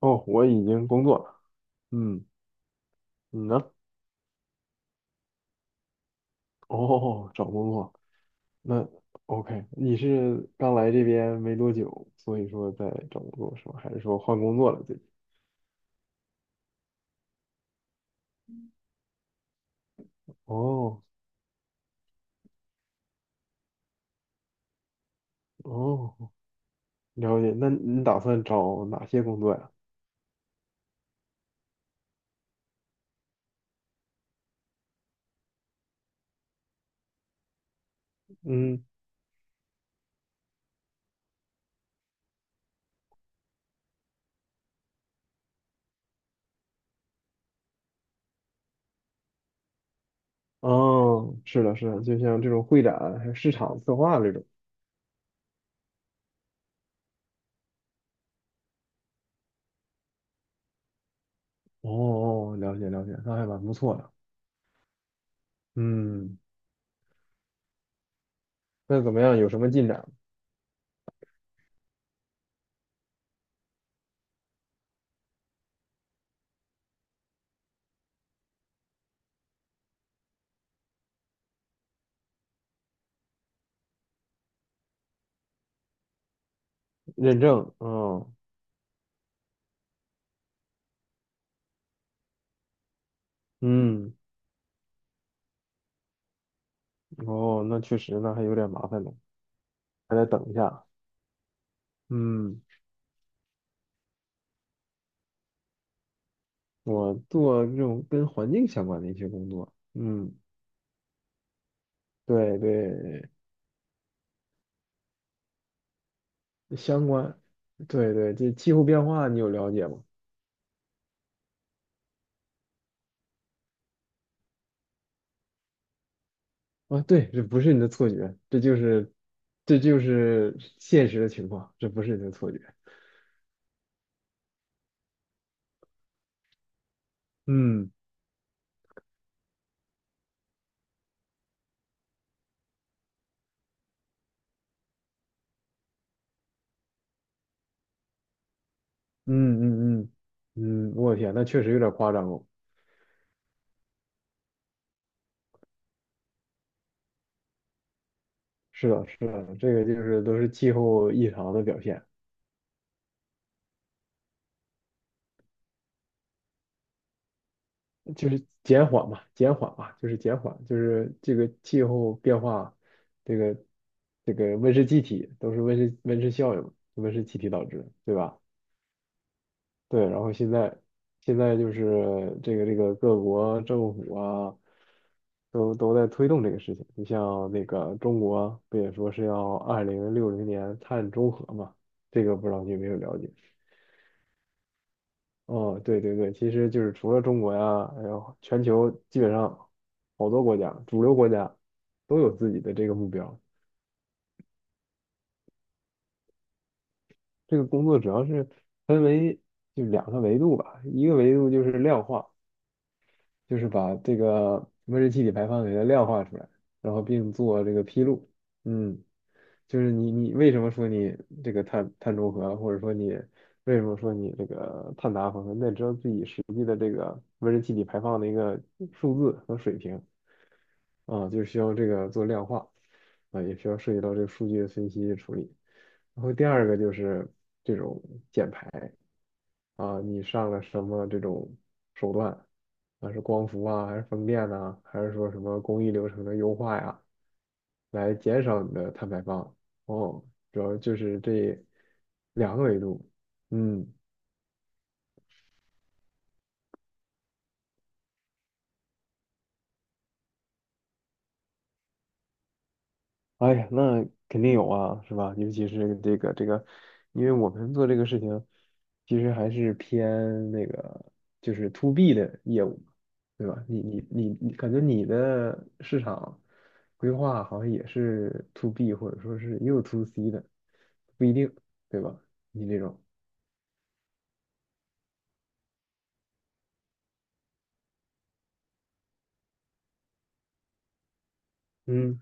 哦，我已经工作了。嗯，你呢？哦，找工作。那 OK，你是刚来这边没多久，所以说在找工作是吧？还是说换工作了最近？哦哦，了解。那你打算找哪些工作呀？嗯，哦，是的，是的，就像这种会展还有市场策划这种。哦哦，了解了解，那还蛮不错的。嗯，那怎么样？有什么进展？认证？嗯嗯，哦，那确实，那还有点麻烦呢。还得等一下。嗯，我做这种跟环境相关的一些工作。嗯，对对，相关，对对，这气候变化你有了解吗？啊，对，这不是你的错觉，这就是，这就是现实的情况，这不是你的错觉。嗯嗯嗯嗯嗯，我天，那确实有点夸张哦。是的，是的，这个就是都是气候异常的表现。就是减缓嘛，减缓嘛，就是减缓，就是这个气候变化，这个这个温室气体都是温室效应，温室气体导致，对吧？对，然后现在就是这个各国政府啊，都在推动这个事情。你像那个中国不也说是要2060年碳中和嘛？这个不知道你有没有了解？哦，对对对，其实就是除了中国呀，还有全球基本上好多国家，主流国家都有自己的这个目标。这个工作主要是分为就两个维度吧，一个维度就是量化，就是把这个温室气体排放给它量化出来，然后并做这个披露。嗯，就是你为什么说你这个碳中和啊，或者说你为什么说你这个碳达峰啊，那知道自己实际的这个温室气体排放的一个数字和水平。啊，就是需要这个做量化，啊，也需要涉及到这个数据的分析处理。然后第二个就是这种减排啊，你上了什么这种手段啊，是光伏啊，还是风电呐、还是说什么工艺流程的优化呀，来减少你的碳排放。哦，主要就是这两个维度。嗯，哎呀，那肯定有啊，是吧？尤其是这个，因为我们做这个事情，其实还是偏那个就是 to B 的业务，对吧？你，感觉你的市场规划好像也是 to B 或者说是也有 to C 的，不一定，对吧？你这种，嗯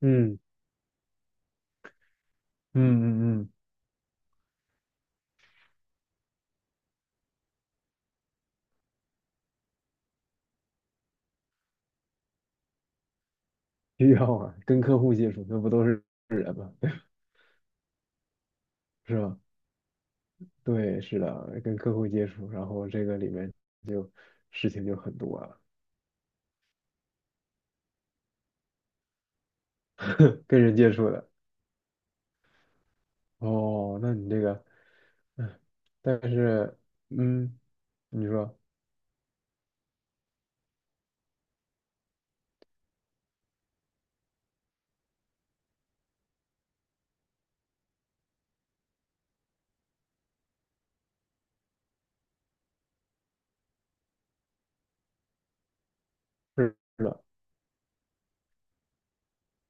嗯嗯嗯嗯，需要啊，跟客户接触，那不都是是吧？对，是的，跟客户接触，然后这个里面就事情就很多了，跟人接触的。哦，那你这个，嗯，但是，嗯，你说是的，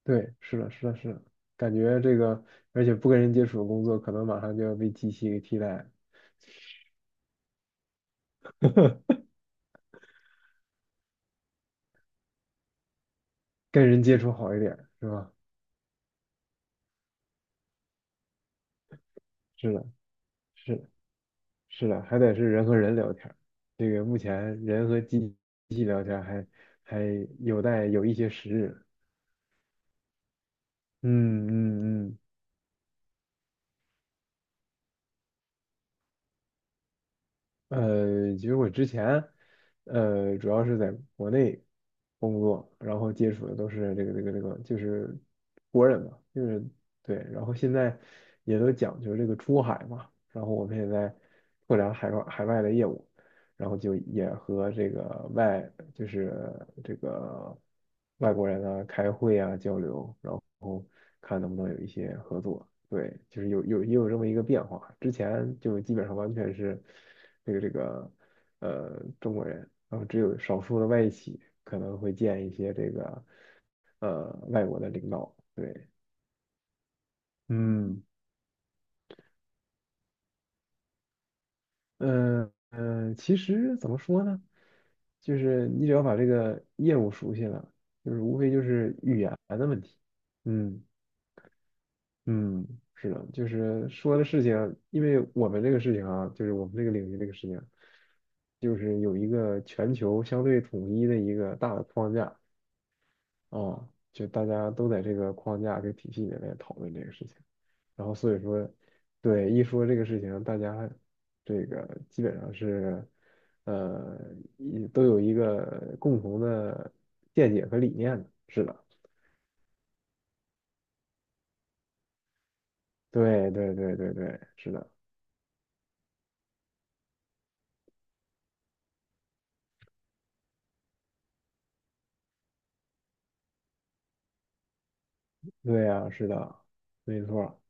对，是的，是的，是的，感觉这个，而且不跟人接触的工作，可能马上就要被机器给替代了，跟人接触好一点，是吧？是的，是的，是的，还得是人和人聊天儿这个目前人和机器聊天儿还有待有一些时日。嗯嗯嗯，其实我之前，主要是在国内工作，然后接触的都是这个，就是国人嘛，就是对，然后现在也都讲究这个出海嘛，然后我们也在拓展海外的业务，然后就也和这个外就是这个外国人啊开会啊交流，然后看能不能有一些合作。对，就是有也有这么一个变化。之前就基本上完全是这个中国人，然后只有少数的外企可能会见一些这个呃外国的领导。对，嗯嗯嗯，其实怎么说呢，就是你只要把这个业务熟悉了，就是无非就是语言的问题。嗯。嗯，是的，就是说的事情，因为我们这个事情啊，就是我们这个领域这个事情，就是有一个全球相对统一的一个大的框架啊，就大家都在这个框架这个体系里面讨论这个事情，然后所以说，对，一说这个事情，大家这个基本上是，呃，一都有一个共同的见解和理念的，是的，对对对对对，是的。对呀，是的，没错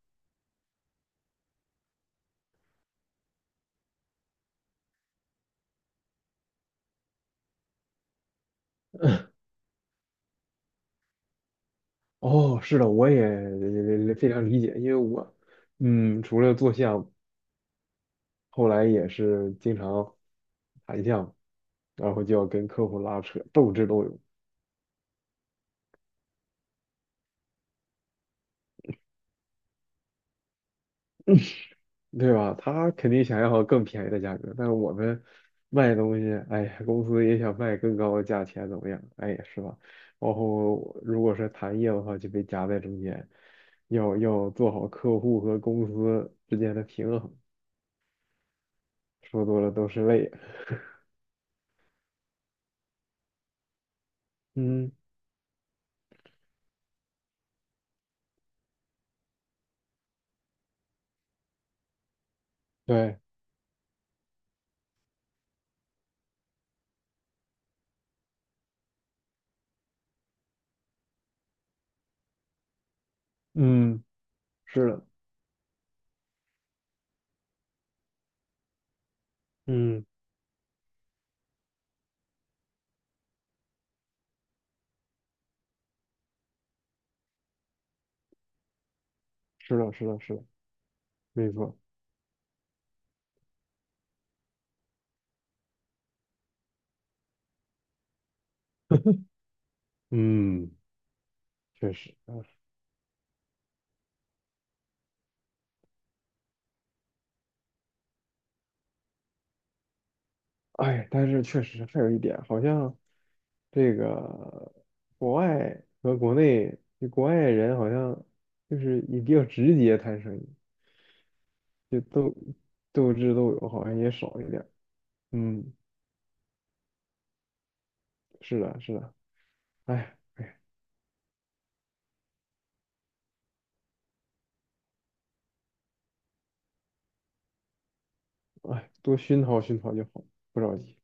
哦，是的，我也非常理解，因为我，嗯，除了做项，目，后来也是经常谈项，然后就要跟客户拉扯，斗智斗勇，对吧？他肯定想要更便宜的价格，但是我们卖东西，哎呀公司也想卖更高的价钱，怎么样？哎呀是吧？然后如果是谈业务的话，就被夹在中间，要做好客户和公司之间的平衡。说多了都是泪。嗯，对，嗯，是的，嗯，是的，是的，是的，没错，嗯，确实，嗯哎，但是确实还有一点，好像这个国外和国内，就国外人好像就是也比较直接谈生意，就斗智斗勇，好像也少一点儿嗯，是的，是的，哎，哎，哎，多熏陶熏陶就好，不着急，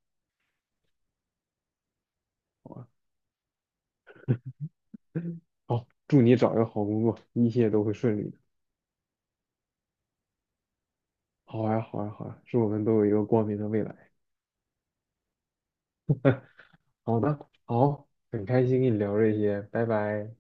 好吧？好，祝你找一个好工作，一切都会顺利的。好呀，好呀，好呀，祝我们都有一个光明的未来。好的，好，很开心跟你聊这些，拜拜。